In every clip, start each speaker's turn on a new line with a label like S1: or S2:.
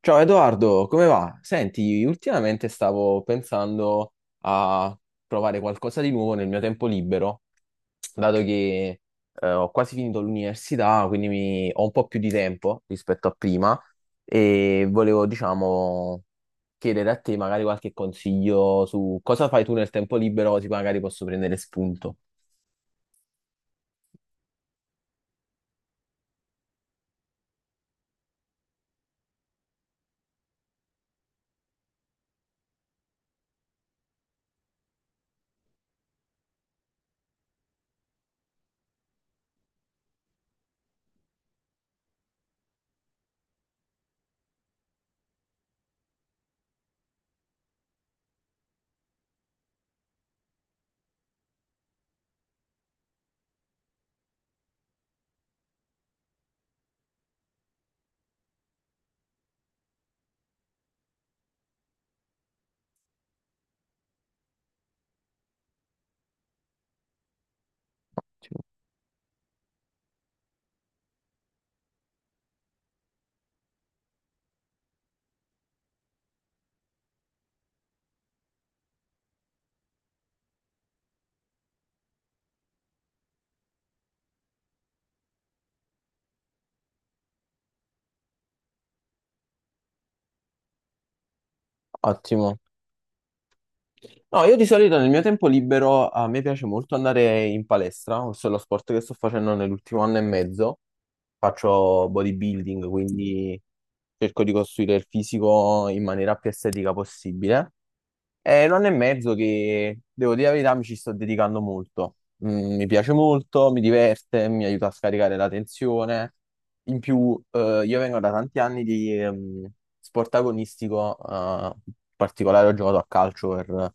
S1: Ciao Edoardo, come va? Senti, ultimamente stavo pensando a provare qualcosa di nuovo nel mio tempo libero, dato che ho quasi finito l'università, quindi ho un po' più di tempo rispetto a prima e volevo, diciamo, chiedere a te magari qualche consiglio su cosa fai tu nel tempo libero, così magari posso prendere spunto. Ottimo. No, io di solito nel mio tempo libero a me piace molto andare in palestra, questo è lo sport che sto facendo nell'ultimo anno e mezzo. Faccio bodybuilding, quindi cerco di costruire il fisico in maniera più estetica possibile. È un anno e mezzo che, devo dire la verità, mi ci sto dedicando molto. Mm, mi piace molto, mi diverte, mi aiuta a scaricare la tensione. In più, io vengo da tanti anni di sport agonistico, in particolare ho giocato a calcio per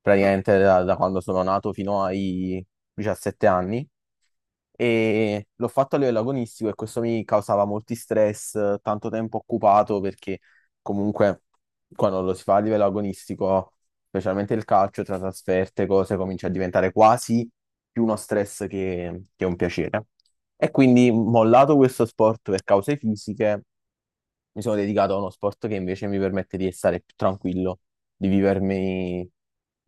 S1: praticamente da quando sono nato fino ai 17 anni e l'ho fatto a livello agonistico e questo mi causava molti stress, tanto tempo occupato perché comunque quando lo si fa a livello agonistico specialmente il calcio tra trasferte, cose, comincia a diventare quasi più uno stress che un piacere. E quindi, mollato questo sport per cause fisiche, mi sono dedicato a uno sport che invece mi permette di stare più tranquillo, di vivermi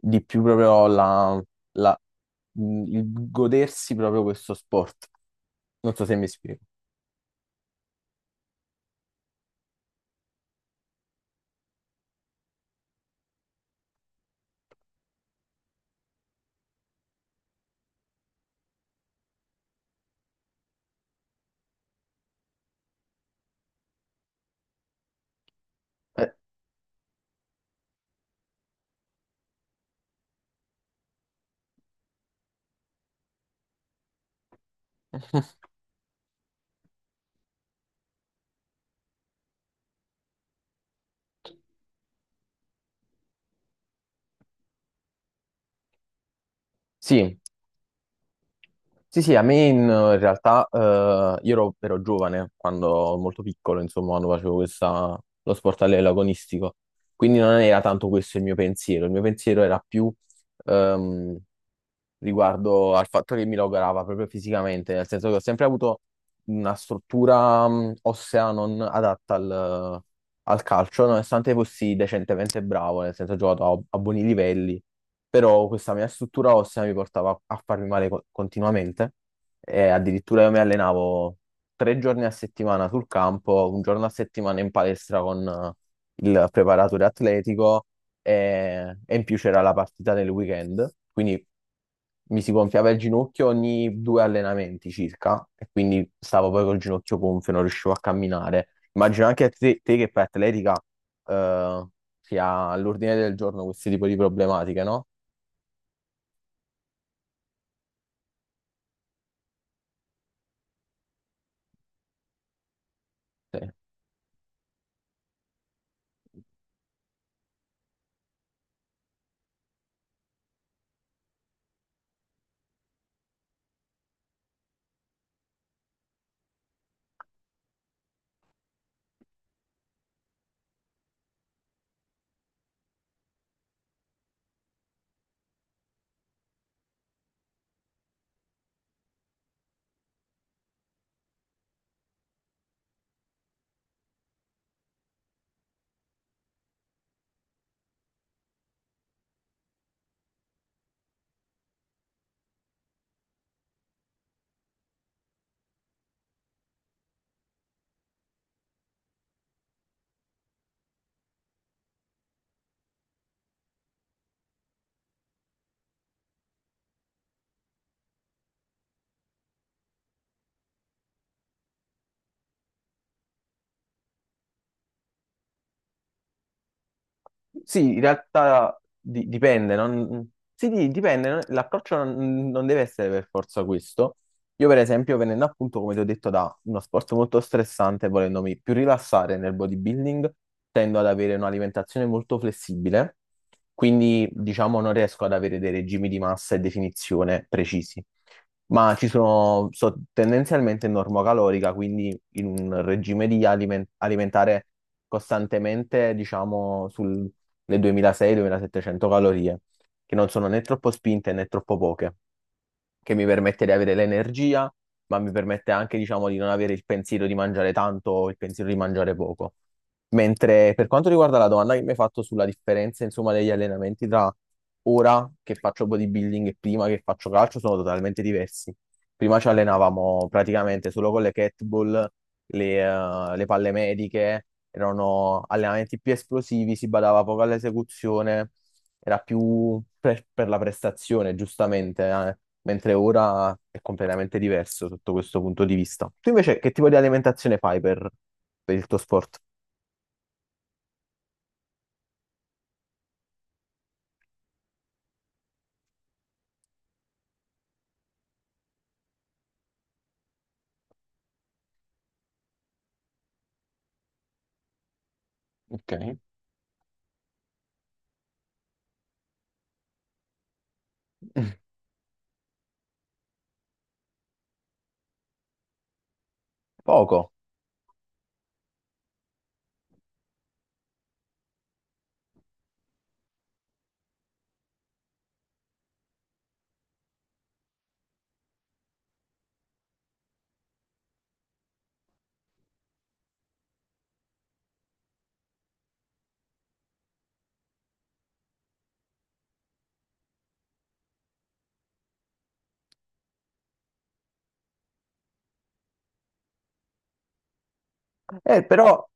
S1: di più proprio la- il godersi proprio questo sport. Non so se mi spiego. Sì, sì, sì, a me in realtà io ero giovane quando molto piccolo, insomma, quando facevo questa, lo sport all'agonistico, quindi non era tanto questo il mio pensiero era più ehm, riguardo al fatto che mi logorava proprio fisicamente, nel senso che ho sempre avuto una struttura ossea non adatta al calcio, nonostante fossi decentemente bravo, nel senso ho giocato a buoni livelli, però questa mia struttura ossea mi portava a farmi male continuamente e addirittura io mi allenavo tre giorni a settimana sul campo, un giorno a settimana in palestra con il preparatore atletico e in più c'era la partita nel weekend, quindi mi si gonfiava il ginocchio ogni due allenamenti circa e quindi stavo poi col ginocchio gonfio, non riuscivo a camminare. Immagino anche a te che fai atletica eh, sia all'ordine del giorno questo tipo di problematiche, no? Sì. Sì, in realtà di- dipende, non- sì, dipende, l'approccio non deve essere per forza questo. Io per esempio, venendo appunto, come ti ho detto, da uno sport molto stressante, volendomi più rilassare nel bodybuilding, tendo ad avere un'alimentazione molto flessibile, quindi diciamo non riesco ad avere dei regimi di massa e definizione precisi. Ma ci sono, so tendenzialmente normocalorica, quindi in un regime di alimentare costantemente, diciamo, le 2600-2700 calorie, che non sono né troppo spinte né troppo poche che mi permette di avere l'energia, ma mi permette anche, diciamo, di non avere il pensiero di mangiare tanto o il pensiero di mangiare poco. Mentre per quanto riguarda la domanda che mi hai fatto sulla differenza, insomma, degli allenamenti tra ora che faccio bodybuilding e prima che faccio calcio, sono totalmente diversi. Prima ci allenavamo praticamente solo con le kettlebell, le palle mediche, erano allenamenti più esplosivi, si badava poco all'esecuzione, era più per la prestazione, giustamente, mentre ora è completamente diverso sotto questo punto di vista. Tu invece che tipo di alimentazione fai per il tuo sport? Ok. Poco. Però,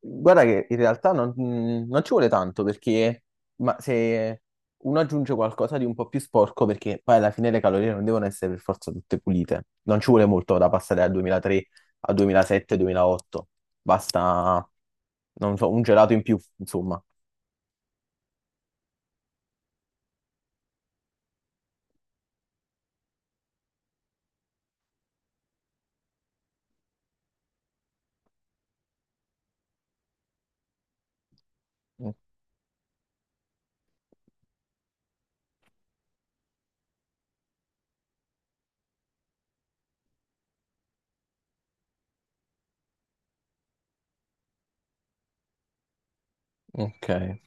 S1: guarda che in realtà non ci vuole tanto perché, ma se uno aggiunge qualcosa di un po' più sporco, perché poi alla fine le calorie non devono essere per forza tutte pulite, non ci vuole molto da passare dal 2003 al 2007, 2008, basta, non so, un gelato in più, insomma. Mm, ok.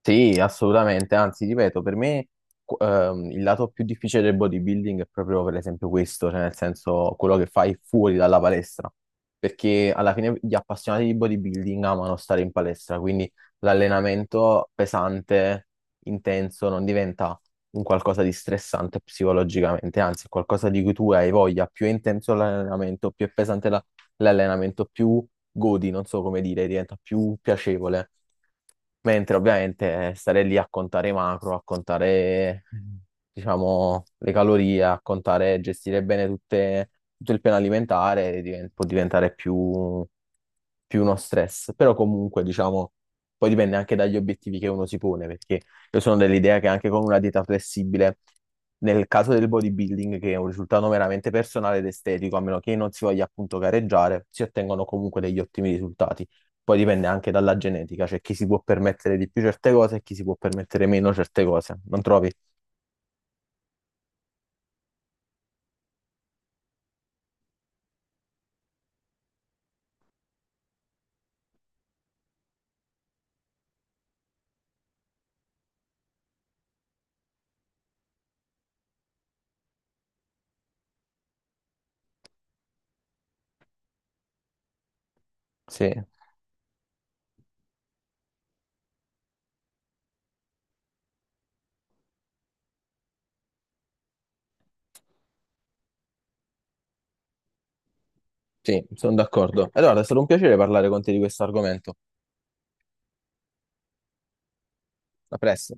S1: Sì, assolutamente, anzi, ripeto, per me il lato più difficile del bodybuilding è proprio per esempio questo, cioè nel senso quello che fai fuori dalla palestra, perché alla fine gli appassionati di bodybuilding amano stare in palestra, quindi l'allenamento pesante, intenso, non diventa un qualcosa di stressante psicologicamente, anzi, è qualcosa di cui tu hai voglia, più è intenso l'allenamento, più è pesante l'allenamento, più godi, non so come dire, diventa più piacevole. Mentre ovviamente stare lì a contare i macro, a contare, diciamo, le calorie, a contare, gestire bene tutto il piano alimentare può diventare più uno stress. Però comunque, diciamo, poi dipende anche dagli obiettivi che uno si pone, perché io sono dell'idea che anche con una dieta flessibile, nel caso del bodybuilding, che è un risultato meramente personale ed estetico, a meno che non si voglia appunto gareggiare, si ottengono comunque degli ottimi risultati. Poi dipende anche dalla genetica, cioè chi si può permettere di più certe cose e chi si può permettere meno certe cose, non trovi? Sì, sì, sono d'accordo. Allora, è stato un piacere parlare con te di questo argomento. A presto.